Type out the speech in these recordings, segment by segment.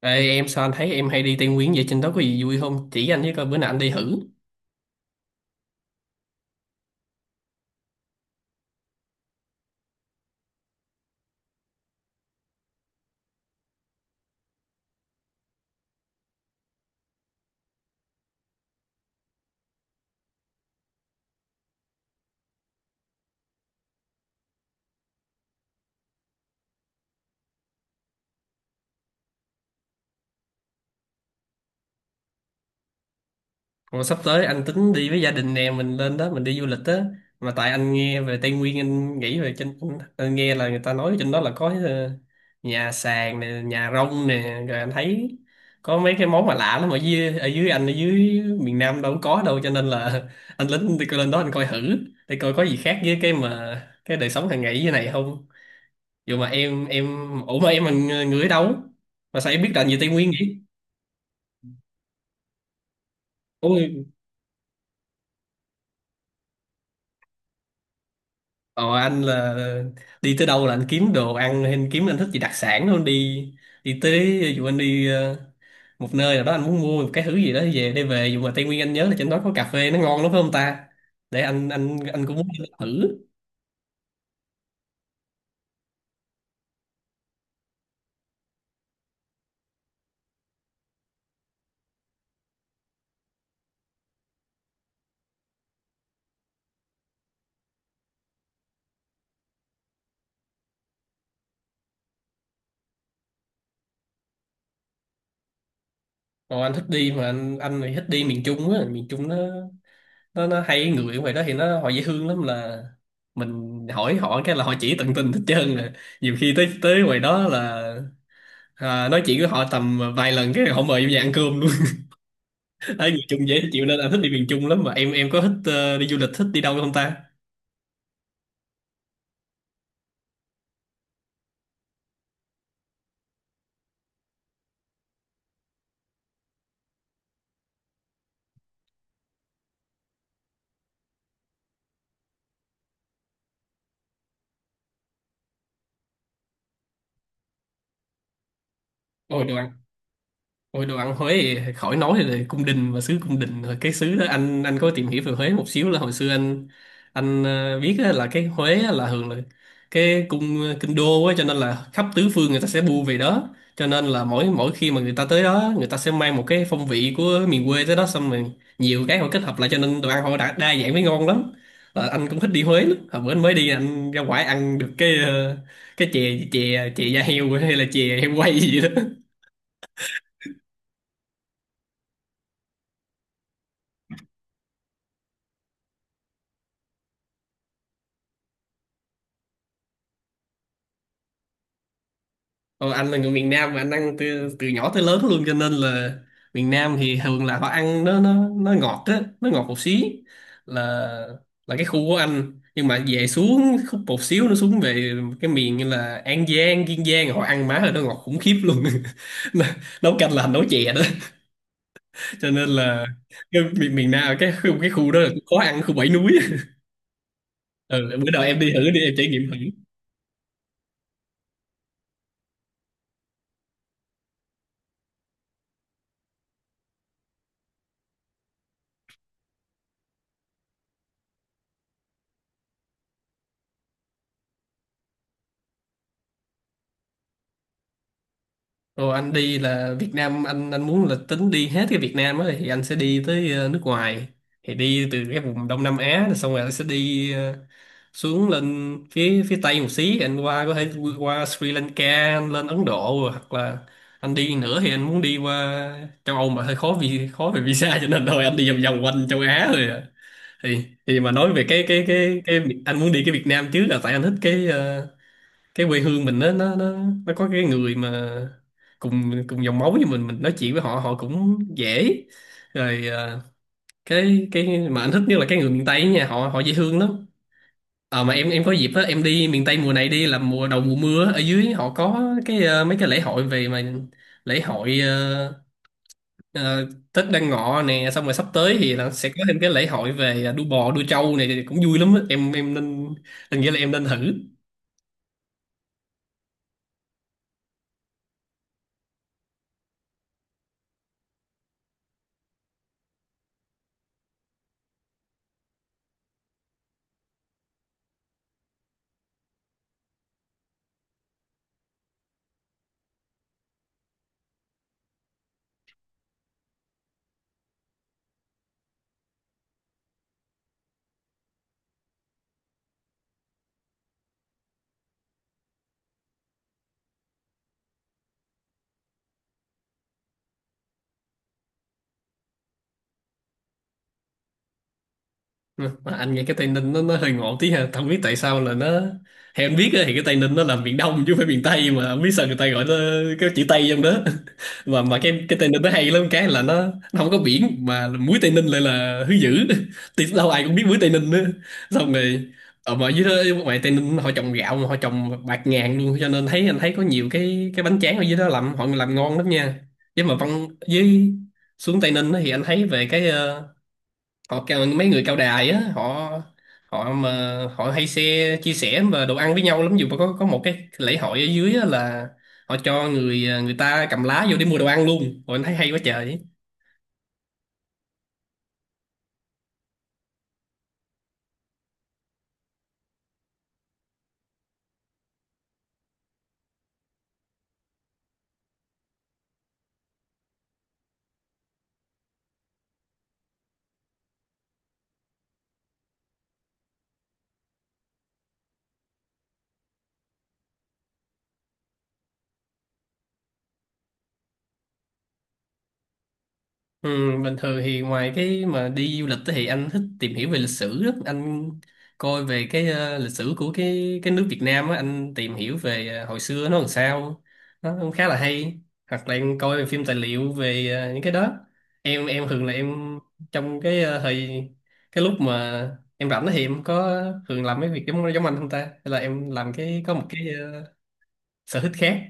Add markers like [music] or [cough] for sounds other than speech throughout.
Ê, em, sao anh thấy em hay đi Tây Nguyên vậy? Trên đó có gì vui không, chỉ anh với coi, bữa nào anh đi thử. Còn sắp tới anh tính đi với gia đình nè, mình lên đó mình đi du lịch á. Mà tại anh nghe về Tây Nguyên, anh nghĩ về trên. Anh nghe là người ta nói trên đó là có nhà sàn nè, nhà rông nè, rồi anh thấy có mấy cái món mà lạ lắm, ở dưới anh, ở dưới miền Nam đâu có đâu, cho nên là [laughs] anh lính đi coi, lên đó anh coi thử để coi có gì khác với cái mà cái đời sống hàng ngày dưới này không. Dù mà em ủa, mà em là người người ở đâu mà sao em biết rành về Tây Nguyên vậy? Ôi. Ờ, anh là đi tới đâu là anh kiếm đồ ăn, hay anh kiếm, anh thích gì đặc sản luôn đi. Đi tới, dù anh đi một nơi nào đó, anh muốn mua một cái thứ gì đó về để về, dù mà Tây Nguyên anh nhớ là trên đó có cà phê nó ngon lắm phải không ta? Để anh cũng muốn thử. Còn anh thích đi mà anh thì thích đi miền Trung á, miền Trung nó nó hay, người ở ngoài đó thì nó họ dễ thương lắm, là mình hỏi họ cái là họ chỉ tận tình hết trơn rồi. Nhiều khi tới tới ngoài đó là, à, nói chuyện với họ tầm vài lần cái họ mời em về ăn cơm luôn. [laughs] Ở miền Trung dễ chịu nên anh thích đi miền Trung lắm. Mà em có thích đi du lịch, thích đi đâu không ta? Ôi, đồ ăn Ôi, đồ ăn Huế thì khỏi nói rồi, là cung đình và xứ cung đình rồi. Cái xứ đó, anh có tìm hiểu về Huế một xíu, là hồi xưa anh biết á, là cái Huế á, là thường là cái kinh đô á, cho nên là khắp tứ phương người ta sẽ bu về đó. Cho nên là mỗi mỗi khi mà người ta tới đó, người ta sẽ mang một cái phong vị của miền quê tới đó, xong rồi nhiều cái họ kết hợp lại, cho nên đồ ăn họ đã đa dạng với ngon lắm. Ờ, anh cũng thích đi Huế lắm. Hồi bữa anh mới đi, anh ra ngoài ăn được cái cái chè chè chè da heo hay là chè heo quay gì đó. Ồ, anh là người miền Nam mà anh ăn từ từ nhỏ tới lớn luôn, cho nên là miền Nam thì thường là họ ăn, nó ngọt á, nó ngọt một xí là là cái khu của anh, nhưng mà về xuống khúc một xíu, nó xuống về cái miền như là An Giang, Kiên Giang họ ăn má rồi, nó ngọt khủng khiếp luôn. [laughs] Nó- nấu canh là nấu chè đó, cho nên là cái miền miền Nam, cái khu đó là khó ăn, khu bảy núi. [laughs] Ừ, bữa nào em đi thử đi, em trải nghiệm thử. Ồ, anh đi là Việt Nam, anh muốn là tính đi hết cái Việt Nam ấy, thì anh sẽ đi tới nước ngoài, thì đi từ cái vùng Đông Nam Á rồi, xong rồi anh sẽ đi xuống lên phía phía Tây một xí, anh qua có thể qua Sri Lanka, anh lên Ấn Độ rồi, hoặc là anh đi nữa thì anh muốn đi qua châu Âu, mà hơi khó vì khó về visa, cho nên thôi anh đi vòng vòng quanh châu Á rồi à. thì thì mà nói về cái anh muốn đi cái Việt Nam trước, là tại anh thích cái cái quê hương mình, nó nó có cái người mà cùng cùng dòng máu như mình nói chuyện với họ họ cũng dễ, rồi à, cái mà anh thích nhất là cái người miền Tây nha, họ họ dễ thương lắm. À, mà em có dịp á, em đi miền Tây mùa này đi là mùa đầu mùa mưa á, ở dưới họ có cái mấy cái lễ hội về mà lễ hội Tết Đoan Ngọ nè, xong rồi sắp tới thì là sẽ có thêm cái lễ hội về đua bò đua trâu này, thì cũng vui lắm á, em nên, anh nghĩ là em nên thử. Mà anh nghe cái Tây Ninh, nó hơi ngộ tí ha, không biết tại sao là nó, theo anh biết á, thì cái Tây Ninh nó là miền Đông chứ không phải miền Tây, mà không biết sao người ta gọi nó cái chữ Tây trong đó. [laughs] Mà cái Tây Ninh nó hay lắm, cái là nó không có biển mà muối Tây Ninh lại là thứ dữ. [laughs] Thì đâu ai cũng biết muối Tây Ninh nữa, xong rồi ở mà dưới đó ngoài Tây Ninh họ trồng gạo, mà họ trồng bạc ngàn luôn, cho nên anh thấy có nhiều cái bánh tráng ở dưới đó làm, họ làm ngon lắm nha. Chứ mà văn với, xuống Tây Ninh á thì anh thấy về cái mấy người cao đài á, họ, họ mà họ hay xe chia sẻ và đồ ăn với nhau lắm, dù mà có một cái lễ hội ở dưới á, là họ cho người ta cầm lá vô để mua đồ ăn luôn, rồi anh thấy hay quá trời. Ừ, bình thường thì ngoài cái mà đi du lịch thì anh thích tìm hiểu về lịch sử đó. Anh coi về cái lịch sử của cái nước Việt Nam á, anh tìm hiểu về hồi xưa nó làm sao. Nó cũng khá là hay. Hoặc là em coi phim tài liệu về những cái đó. Em thường là em, trong cái thời, cái lúc mà em rảnh thì em có thường làm mấy việc giống giống anh không ta? Hay là em làm cái có một cái sở thích khác.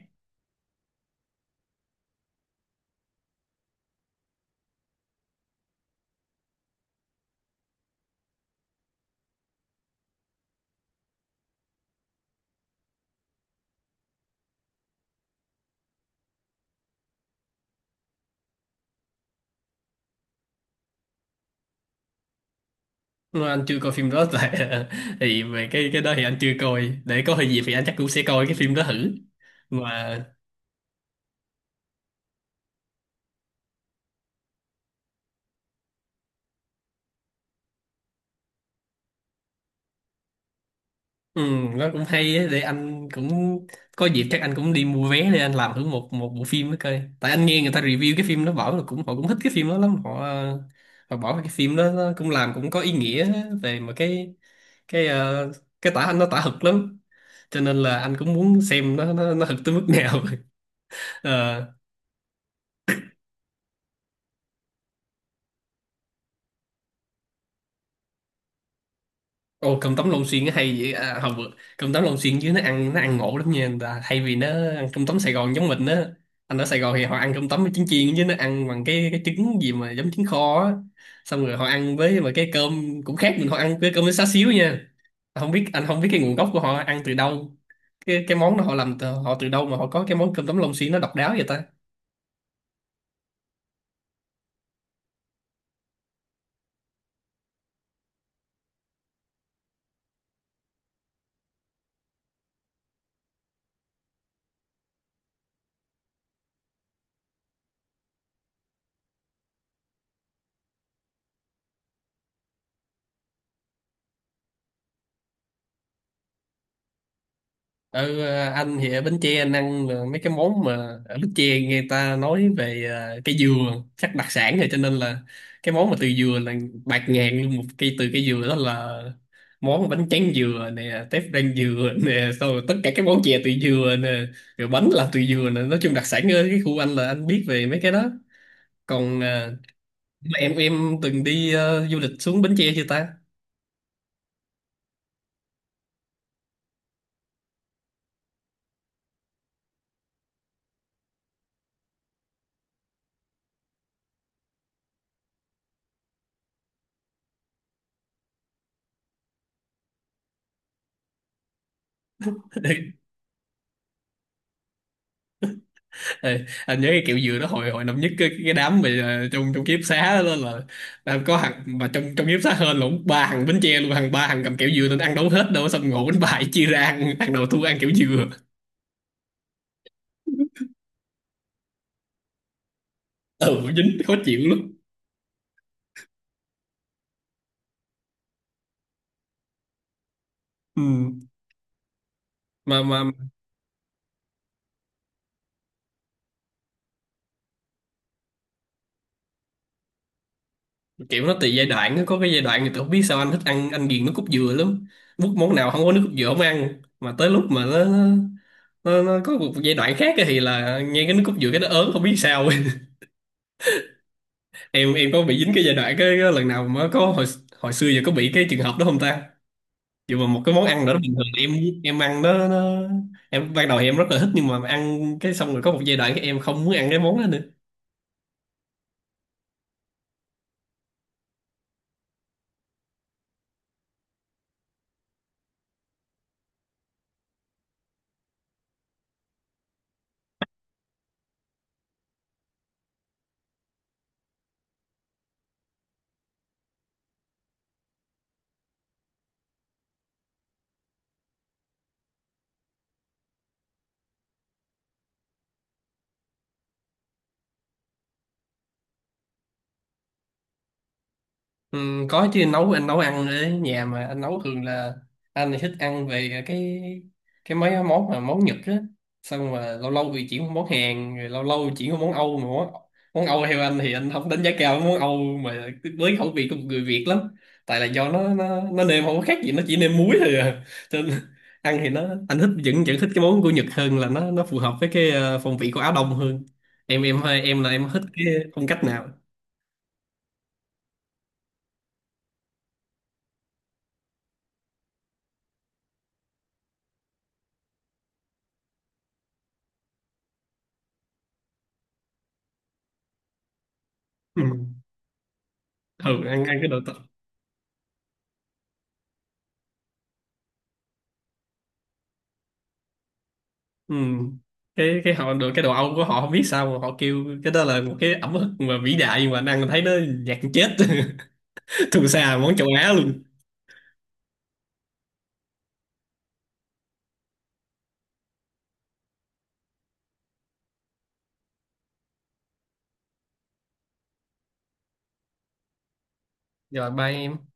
Nếu anh chưa coi phim đó [laughs] tại thì về cái đó thì anh chưa coi, để có gì thì anh chắc cũng sẽ coi cái phim đó thử. Mà ừ, nó cũng hay á, để anh cũng có dịp chắc anh cũng đi mua vé để anh làm thử một một bộ phim đó coi, tại anh nghe người ta review cái phim đó bảo là cũng họ cũng thích cái phim đó lắm, họ họ bảo cái phim đó nó cũng làm cũng có ý nghĩa về mà cái cái tả, anh nó tả thực lắm, cho nên là anh cũng muốn xem nó thực tới mức nào. [laughs] Ồ, cơm tấm Long Xuyên nó hay vậy à, không vượt cơm tấm Long Xuyên chứ, nó ăn ngộ lắm nha, người ta thay vì nó ăn cơm tấm Sài Gòn giống mình á, anh ở Sài Gòn thì họ ăn cơm tấm với trứng chiên, chứ nó ăn bằng cái trứng gì mà giống trứng kho á. Xong rồi họ ăn với, mà cái cơm cũng khác mình, họ ăn với cơm với xá xíu nha. Không biết Anh không biết cái nguồn gốc của họ ăn từ đâu, cái món đó họ làm từ, họ từ đâu mà họ có cái món cơm tấm Long Xuyên nó độc đáo vậy ta? Anh thì ở Bến Tre, anh ăn là mấy cái món mà ở Bến Tre người ta nói về cây dừa chắc đặc sản rồi, cho nên là cái món mà từ dừa là bạt ngàn luôn, một cây từ cây dừa đó là món bánh tráng dừa nè, tép rang dừa [laughs] nè, xong rồi tất cả các món chè từ dừa nè, rồi bánh làm từ dừa nè, nói chung đặc sản ở cái khu anh là anh biết về mấy cái đó. Còn em từng đi du lịch xuống Bến Tre chưa ta? [laughs] Ê, anh nhớ cái kiểu dừa đó, hồi hồi năm nhất cái đám mà trong trong ký túc xá đó, là có thằng mà trong trong ký túc xá, hên lộn ba thằng bánh tre luôn, ba thằng cầm kẹo dừa nên ăn đâu hết đâu, xong ngộ bánh bài [laughs] chia ra ăn, thằng đầu thua ăn kẹo dừa. Ừ, dính khó chịu lắm. Ừ. mà kiểu nó tùy giai đoạn á, có cái giai đoạn thì tôi không biết sao anh thích ăn, anh ghiền nước cốt dừa lắm, bút món nào không có nước cốt dừa không ăn. Mà tới lúc mà nó có một giai đoạn khác á, thì là nghe cái nước cốt dừa cái nó ớn, không biết sao. Em có bị dính cái giai đoạn cái lần nào mà có hồi, hồi xưa giờ có bị cái trường hợp đó không ta? Dù mà một cái món ăn đó bình thường em ăn nó, em ban đầu thì em rất là thích, nhưng mà ăn cái xong rồi có một giai đoạn cái em không muốn ăn cái món đó nữa. Ừ, có chứ, anh nấu ăn ở nhà, mà anh nấu thường là anh thì thích ăn về cái mấy món mà món Nhật á, xong mà lâu lâu thì chuyển qua món Hàn, rồi lâu lâu chuyển qua món Âu, mà món Âu theo anh thì anh không đánh giá cao món Âu, mà với khẩu vị của một người Việt lắm, tại là do nó nêm không có khác gì, nó chỉ nêm muối thôi à, cho nên ăn thì nó, anh thích, vẫn vẫn thích cái món của Nhật hơn, là nó phù hợp với cái phong vị của Á Đông hơn. Em là em thích cái phong cách nào? Ừ. Thường ăn ăn cái đồ. Ừ. cái họ được, cái đồ Âu của họ không biết sao mà họ kêu cái đó là một cái ẩm thực mà vĩ đại, nhưng mà anh ăn thấy nó nhạt chết. [laughs] Thù xa món châu Á luôn. Rồi, ba em.